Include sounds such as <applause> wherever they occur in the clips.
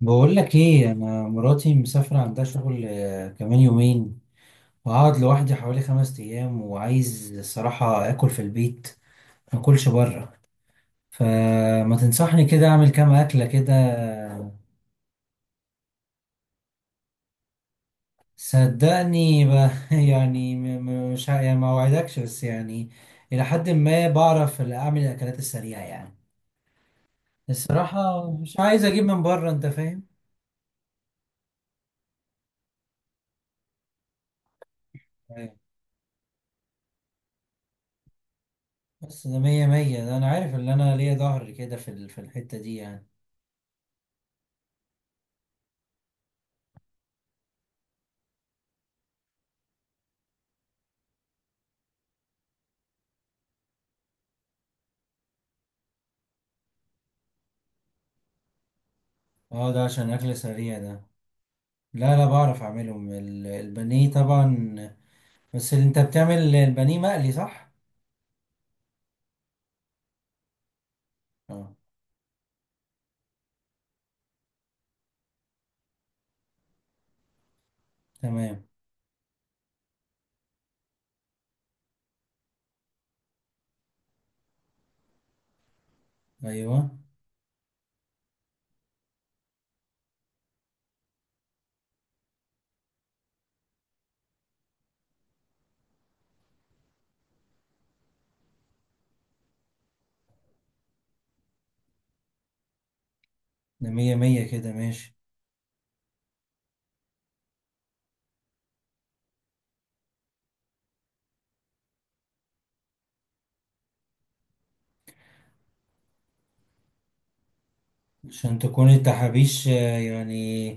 بقول لك ايه، انا مراتي مسافره عندها شغل، كمان يومين، وهقعد لوحدي حوالي 5 ايام، وعايز الصراحه اكل في البيت، ما اكلش بره. فما تنصحني كده اعمل كام اكله كده؟ صدقني. <laughs> يعني مش يعني ما اوعدكش، بس يعني الى حد ما بعرف اعمل الاكلات السريعه يعني. الصراحه مش عايز اجيب من بره، انت فاهم. أيوة. بس ده مية مية، ده انا عارف ان انا ليا ظهر كده في في الحته دي يعني. اه، ده عشان اكل سريع ده. لا لا، بعرف اعملهم، البانيه طبعا. بس اللي انت بتعمل البانيه مقلي، صح؟ اه، تمام. ايوه، ده مية مية كده، ماشي. عشان تكون التحابيش يعني.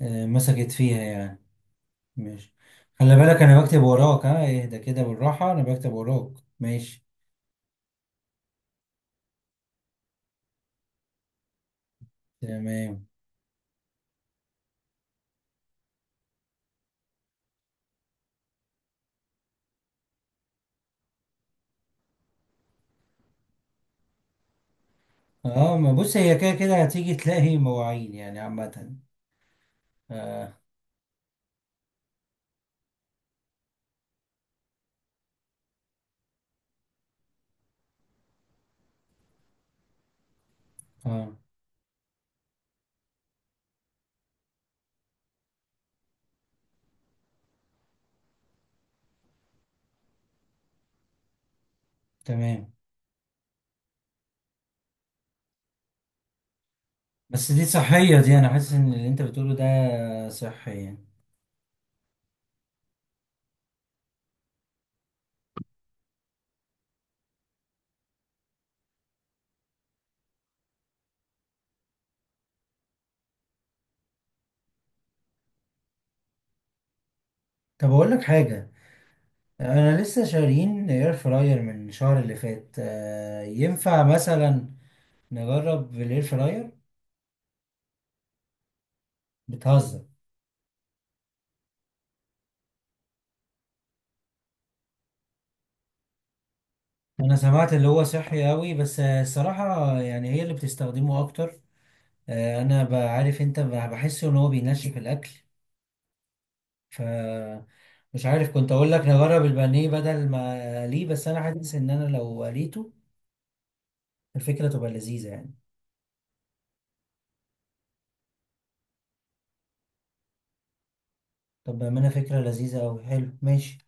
مسكت فيها يعني. ماشي، خلي بالك انا بكتب وراك، ها اهدى كده بالراحة، انا بكتب وراك. ماشي، تمام. اه، ما بص، هي كده كده هتيجي تلاقي مواعين يعني عامة. اه اه، تمام. بس دي صحية دي، أنا حاسس إن اللي أنت بتقوله ده صحية. طب أقول لك حاجة. أنا لسه شارين إير فراير من الشهر اللي فات، ينفع مثلا نجرب الإير فراير؟ بتهزر. أنا سمعت اللي هو صحي أوي، بس الصراحة يعني هي اللي بتستخدمه أكتر. أنا بعرف، أنت بحس إن هو بينشف الأكل. ف مش عارف، كنت أقول لك نجرب البانيه بدل ما أقليه، بس أنا حاسس إن أنا لو قليته الفكرة تبقى لذيذة يعني. طب ما أنا فكرة لذيذة أوي، حلو، ماشي.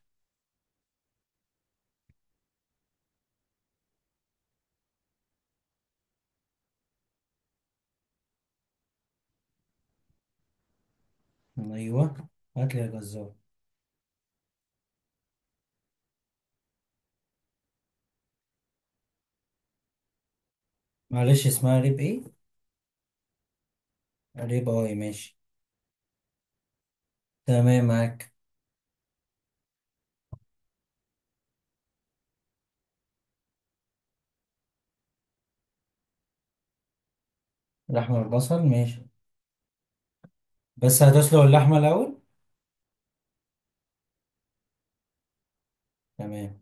ايوه، هات لي يا جزار. معلش، اسمها ريب ايه؟ ريب اي، ماشي. تمام، معاك. اللحمه والبصل، ماشي. بس هتسلق اللحمه الاول؟ تمام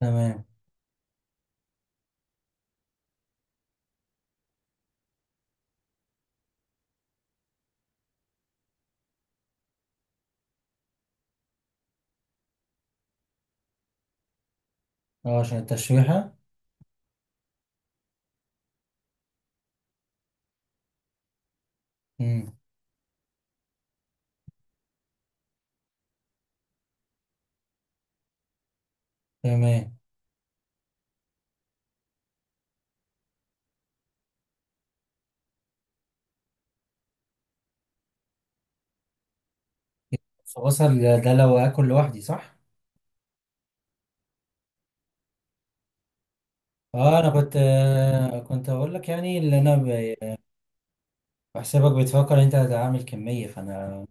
تمام. اه، عشان التشويحه. امم، تمام. بصل ده لو اكل لوحدي، صح؟ اه، انا كنت كنت اقول لك يعني اللي انا بحسبك بتفكر انت هتعمل كميه، فانا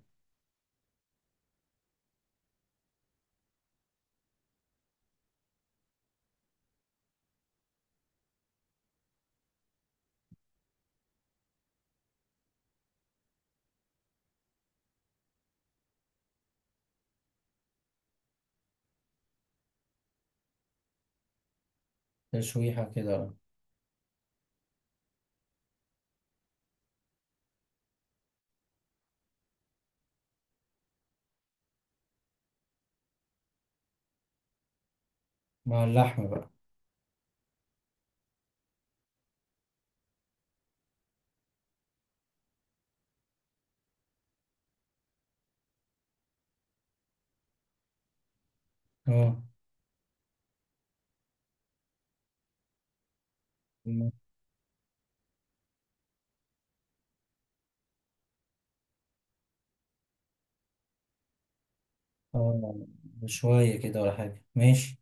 تشويحه كده مع اللحمه بقى. اه اه، شويه كده ولا حاجه، ماشي.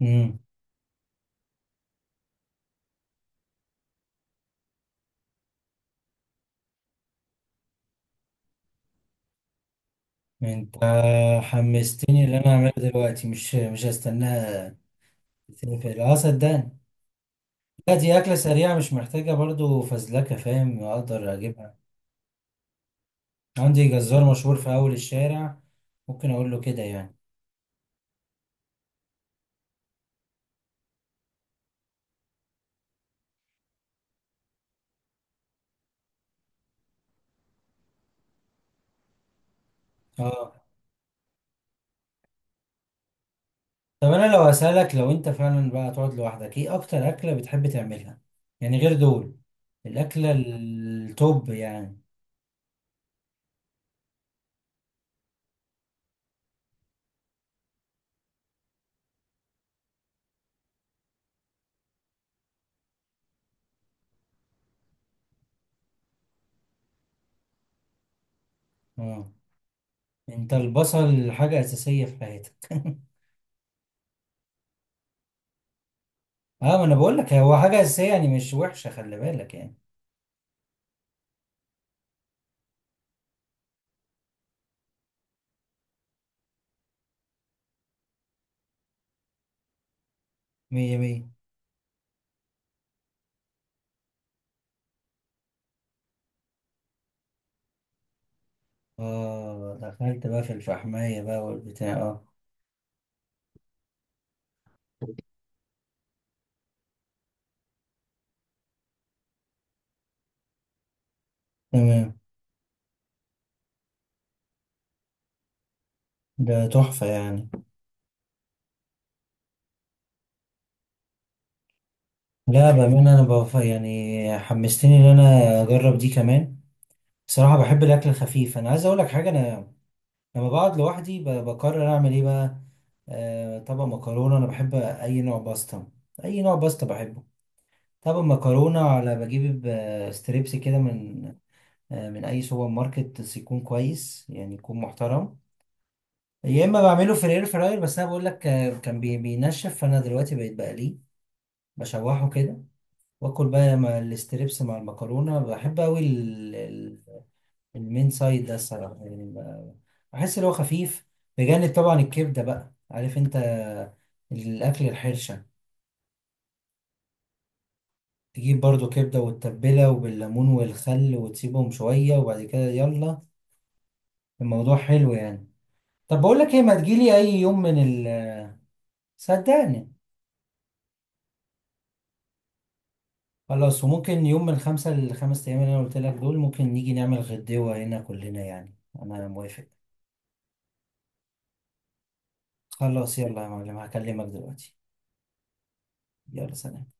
مم. انت حمستني، اللي انا اعملها دلوقتي مش هستناها. تقفل، اه، صدقني. لا، دي اكله سريعه مش محتاجه برضو فزلكه، فاهم، اقدر اجيبها. عندي جزار مشهور في اول الشارع، ممكن اقول له كده يعني. اه، طب انا لو اسالك، لو انت فعلا بقى تقعد لوحدك، ايه اكتر اكله بتحب تعملها؟ يعني غير دول، الاكله التوب يعني. اه، انت البصل حاجه اساسيه في حياتك <laughs> اه، ما انا بقول لك هو حاجه اساسيه، يعني مش وحشه، خلي بالك يعني. مية مية. اه، دخلت بقى في الفحمية بقى والبتاع، اه. تمام، ده تحفة يعني. لا، بأمانة، أنا يعني حمستني إن أنا أجرب دي كمان. بصراحة بحب الأكل الخفيف، أنا عايز أقول لك حاجة. أنا لما بقعد لوحدي بقرر أعمل إيه بقى. طبق مكرونة، أنا بحب أي نوع باستا، أي نوع باستا بحبه. طبق مكرونة، على بجيب ستريبس كده من من أي سوبر ماركت، بس يكون كويس يعني يكون محترم. يا اما بعمله في الاير فراير، بس انا بقول لك كان بينشف، فانا دلوقتي بقيت بقليه، بشوحه كده. واكل بقى مع الاستريبس مع المكرونه، بحب قوي. المين سايد ده الصراحه يعني بحس ان هو خفيف، بجانب طبعا الكبده، بقى عارف انت، الاكل الحرشه. تجيب برضو كبده وتتبلها وبالليمون والخل وتسيبهم شويه، وبعد كده يلا، الموضوع حلو يعني. طب بقول لك ايه، ما تجيلي اي يوم من ال صدقني. خلاص، وممكن يوم من 5 ل5 أيام اللي أنا قلت لك دول، ممكن نيجي نعمل غدوة هنا كلنا يعني. أنا موافق. خلاص يلا يا معلم، هكلمك دلوقتي. يلا سلام.